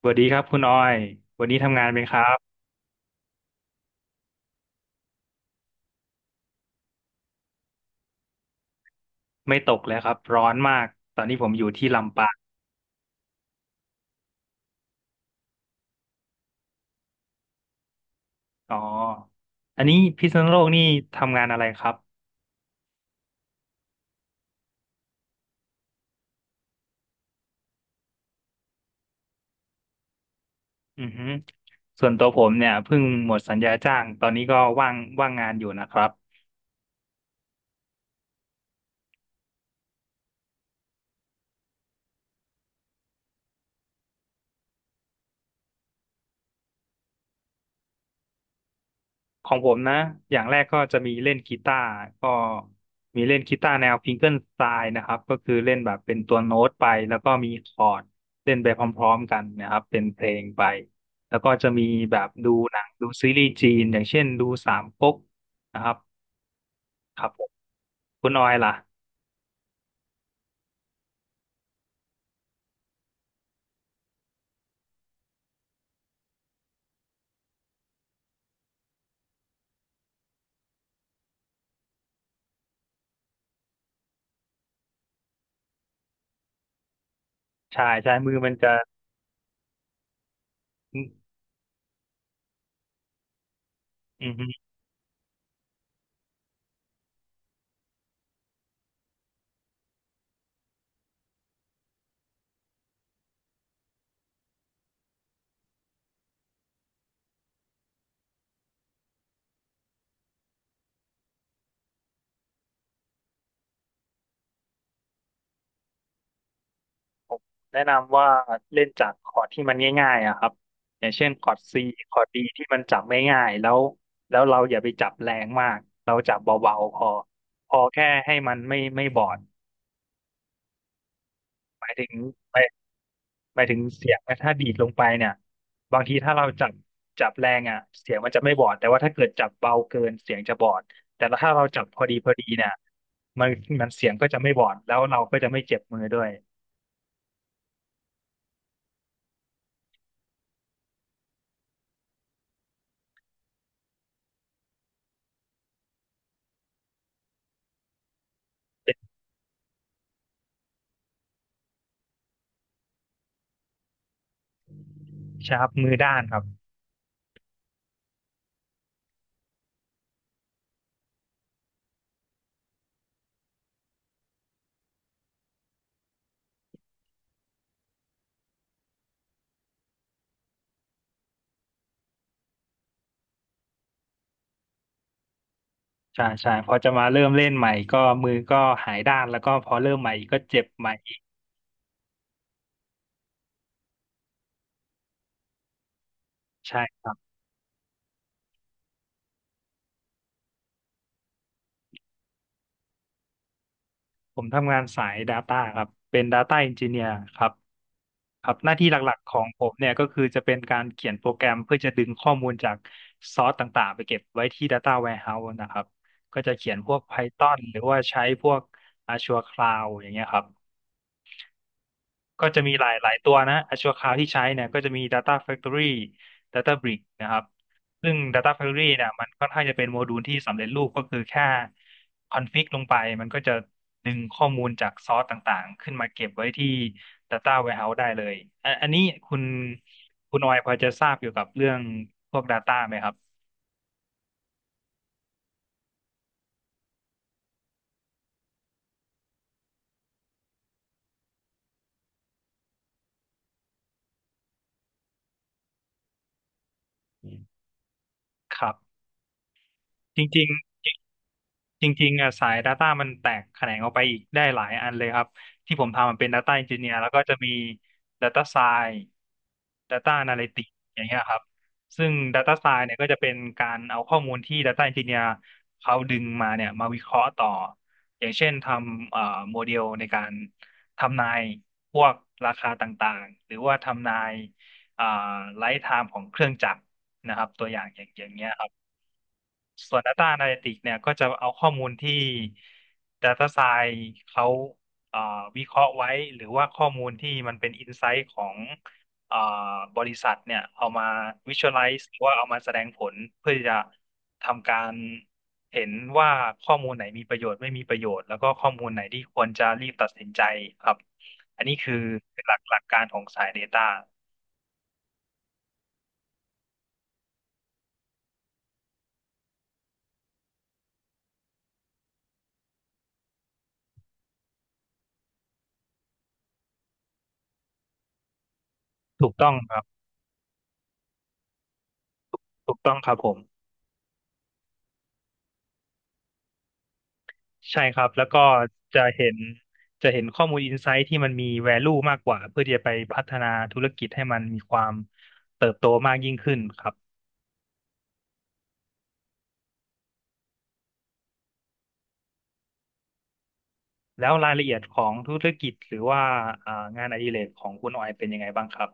สวัสดีครับคุณออยวันนี้ทำงานเป็นครับ ไม่ตกเลยครับร้อนมาก ตอนนี้ผมอยู่ที่ลำปางอ๋ออันนี้พิษณุโลกนี่ทำงานอะไรครับอือฮึส่วนตัวผมเนี่ยเพิ่งหมดสัญญาจ้าง ตอนนี้ก็ว่างว่างงานอยู่นะครับ ของผมนะอย่างแรกก็จะมีเล่นกีตาร์ก็มีเล่นกีตาร์แนวฟิงเกิลสไตล์นะครับก็คือเล่นแบบเป็นตัวโน้ตไป แล้วก็มีคอร์ดเล่นไปพร้อมๆกันนะครับเป็นเพลงไป แล้วก็จะมีแบบดูหนังดูซีรีส์จีนอย่างเช่นดูสามก๊กนะครับครับผมคุณออยล่ะใช่ใช่มือมันจะอืม แนะนำว่าเล่นจากคอร์ดที่มันง่ายๆอะครับอย่างเช่นคอร์ดซีคอร์ด D ที่มันจับง่ายๆแล้วแล้วเราอย่าไปจับแรงมากเราจับเบาๆพอพอแค่ให้มันไม่ไม่บอดหมายถึงหมายหมายถึงเสียงถ้าดีดลงไปเนี่ยบางทีถ้าเราจับจับแรงอ่ะเสียงมันจะไม่บอดแต่ว่าถ้าเกิดจับเบาเกินเสียงจะบอดแต่ถ้าเราจับพอดีพอดีเนี่ยมันมันเสียงก็จะไม่บอดแล้วเราก็จะไม่เจ็บมือด้วยเป็นชาร์ปมือด้านครับ ใช่ใช่พอจะมาเริ่มเล่นใหม่ก็มือก็หายด้านแล้วก็พอเริ่มใหม่อีกก็เจ็บใหม่อีกใช่ครับผมทำงานสาย Data ครับเป็น Data Engineer ครับครับหน้าที่หลักๆของผมเนี่ยก็คือจะเป็นการเขียนโปรแกรมเพื่อจะดึงข้อมูลจากซอสต่างๆไปเก็บไว้ที่ Data Warehouse นะครับก็จะเขียนพวก Python หรือว่าใช้พวก Azure Cloud อย่างเงี้ยครับ ก็จะมีหลายหลายตัวนะชั่วคราวที่ใช้เนี่ยก็จะมี Data Factory Data Brick นะครับซึ่ง Data Factory เนี่ยมันค่อนข้างจะเป็นโมดูลที่สำเร็จรูปก็คือแค่คอนฟิกลงไปมันก็จะดึงข้อมูลจากซอสต่างๆขึ้นมาเก็บไว้ที่ Data Warehouse ได้เลยอันอันนี้คุณคุณออยพอจะทราบเกี่ยวกับเรื่องพวก Data ไหมครับครับจริง จริงๆอ่ะสาย Data มันแตกแขนงออกไปอีกได้หลายอันเลยครับที่ผมทำมันเป็น Data Engineer แล้วก็จะมี Data Science Data Analytics อย่างเงี้ยครับซึ่ง Data Science เนี่ยก็จะเป็นการเอาข้อมูลที่ Data Engineer เขาดึงมาเนี่ยมาวิเคราะห์ต่ออย่างเช่นทำโมเดลในการทำนายพวกราคาต่างๆหรือว่าทำนายเอ่อไลฟ์ไทม์ของเครื่องจักรนะครับตัวอย่างอย่างอย่างเงี้ยครับ ส่วน Data Analytics เนี่ยก็จะเอาข้อมูลที่ Data Science เขาเอ่อวิเคราะห์ไว้หรือว่าข้อมูลที่มันเป็น Insight ของเอ่อบริษัทเนี่ยเอามา Visualize หรือว่าเอามาแสดงผลเพื่อที่จะทำการเห็นว่าข้อมูลไหนมีประโยชน์ไม่มีประโยชน์แล้วก็ข้อมูลไหนที่ควรจะรีบตัดสินใจครับอันนี้คือหลักการของสาย Data ถูกต้องครับถูกต้องครับผม ใช่ครับ แล้วก็จะเห็นจะเห็นข้อมูลอินไซต์ที่มันมี value มากกว่าเพื่อที่จะไปพัฒนาธุรกิจให้มันมีความเติบโตมากยิ่งขึ้นครับ แล้วรายละเอียดของธุรกิจหรือว่าอ่างานอดิเรกของคุณออยเป็นยังไงบ้างครับ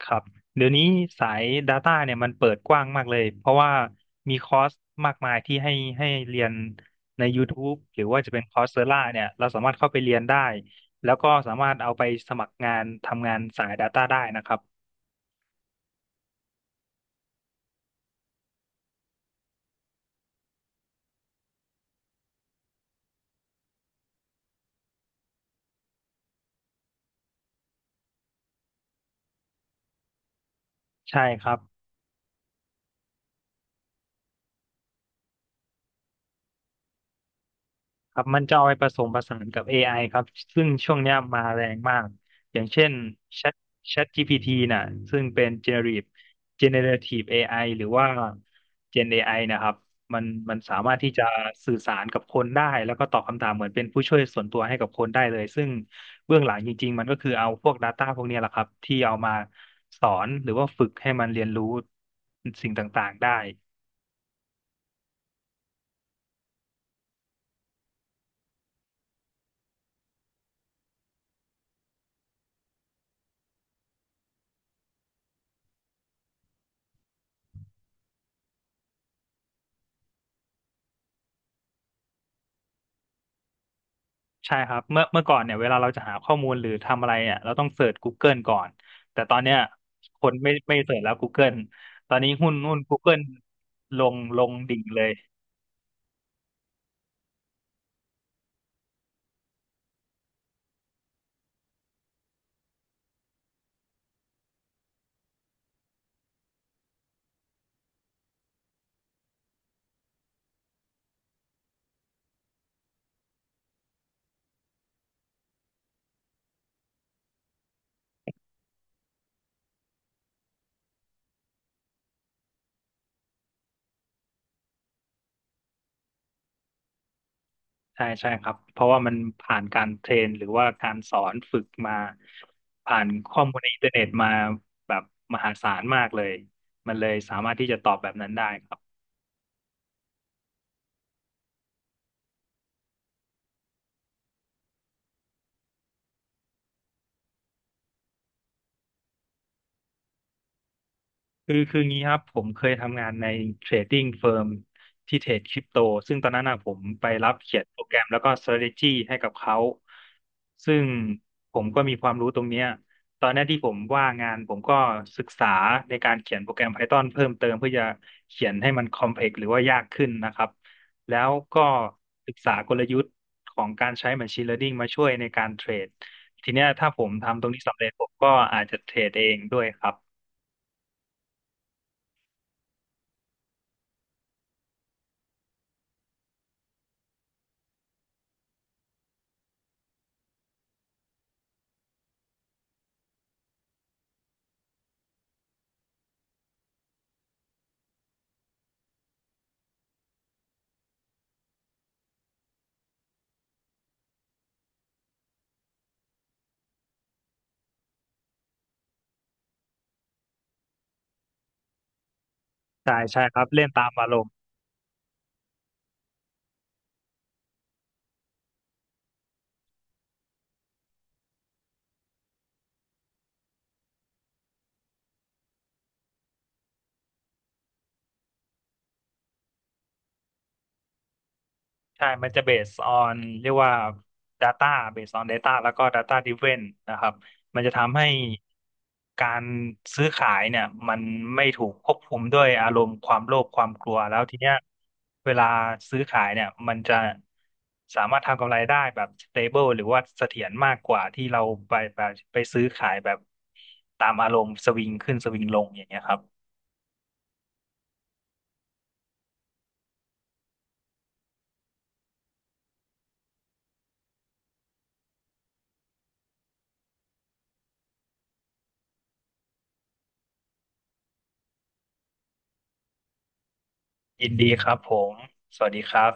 ครับเดี๋ยวนี้สาย Data เนี่ยมันเปิดกว้างมากเลยเพราะว่ามีคอร์สมากมายที่ให้ให้เรียนใน YouTube หรือว่าจะเป็นคอร์สเซอร่าเนี่ยเราสามารถเข้าไปเรียนได้แล้วก็สามารถเอาไปสมัครงานทำงานสาย Data ได้นะครับ ใช่ครับครับมันจะเอาไปผสมผสานกับ AI ครับซึ่งช่วงเนี้ยมาแรงมากอย่างเช่น Chat Chat GPT น่ะซึ่งเป็น generative generative AI หรือว่า Gen AI นะครับมันมันสามารถที่จะสื่อสารกับคนได้แล้วก็ตอบคำถามเหมือนเป็นผู้ช่วยส่วนตัวให้กับคนได้เลยซึ่งเบื้องหลังจริงๆมันก็คือเอาพวก Data พวกเนี้ยแหละครับที่เอามาสอนหรือว่าฝึกให้มันเรียนรู้สิ่งต่างๆได้ ใช่ครับเมื่อเมื่อก่อนเนี่ยเวลาเราจะหาข้อมูลหรือทำอะไรเนี่ยเราต้องเสิร์ช Google ก่อนแต่ตอนเนี้ยคนไม่ไม่เสิร์ชแล้ว Google ตอนนี้หุ้น Google ลงดิ่งเลยใช่ใช่ครับเพราะว่ามันผ่านการเทรนหรือว่าการสอนฝึกมาผ่านข้อมูลในอินเทอร์เน็ตมาแบบมหาศาลมากเลยมันเลยสามารถที่จะตอบแบบนั้นได้ครับ คืองี้ครับผมเคยทำงานในเทรดดิ้งเฟิร์มที่เทรดคริปโตซึ่งตอนนั้นนะผมไปรับเขียนโปรแกรมแล้วก็ strategy ให้กับเขาซึ่งผมก็มีความรู้ตรงเนี้ยตอนนี้ที่ผมว่างงานผมก็ศึกษาในการเขียนโปรแกรม Python เพิ่มเติมเพื่อจะเขียนให้มัน complex หรือว่ายากขึ้นนะครับแล้วก็ศึกษากลยุทธ์ของการใช้ machine learning มาช่วยในการเทรดทีเนี้ยถ้าผมทำตรงนี้สำเร็จผมก็อาจจะเทรดเองด้วยครับ ใช่ใช่ครับเล่นตามอารมณ์ใช่มันจะ based on เรียกว่า data based on data แล้วก็ data driven นะครับมันจะทำให้การซื้อขายเนี่ยมันไม่ถูกควบคุมด้วยอารมณ์ความโลภความกลัวแล้วทีเนี้ยเวลาซื้อขายเนี่ยมันจะสามารถทำกำไรได้แบบ stable หรือว่าเสถียรมากกว่าที่เราไปไปไปซื้อขายแบบตามอารมณ์สวิงขึ้นสวิงลงอย่างเงี้ยครับยินดีครับผมสวัสดีครับ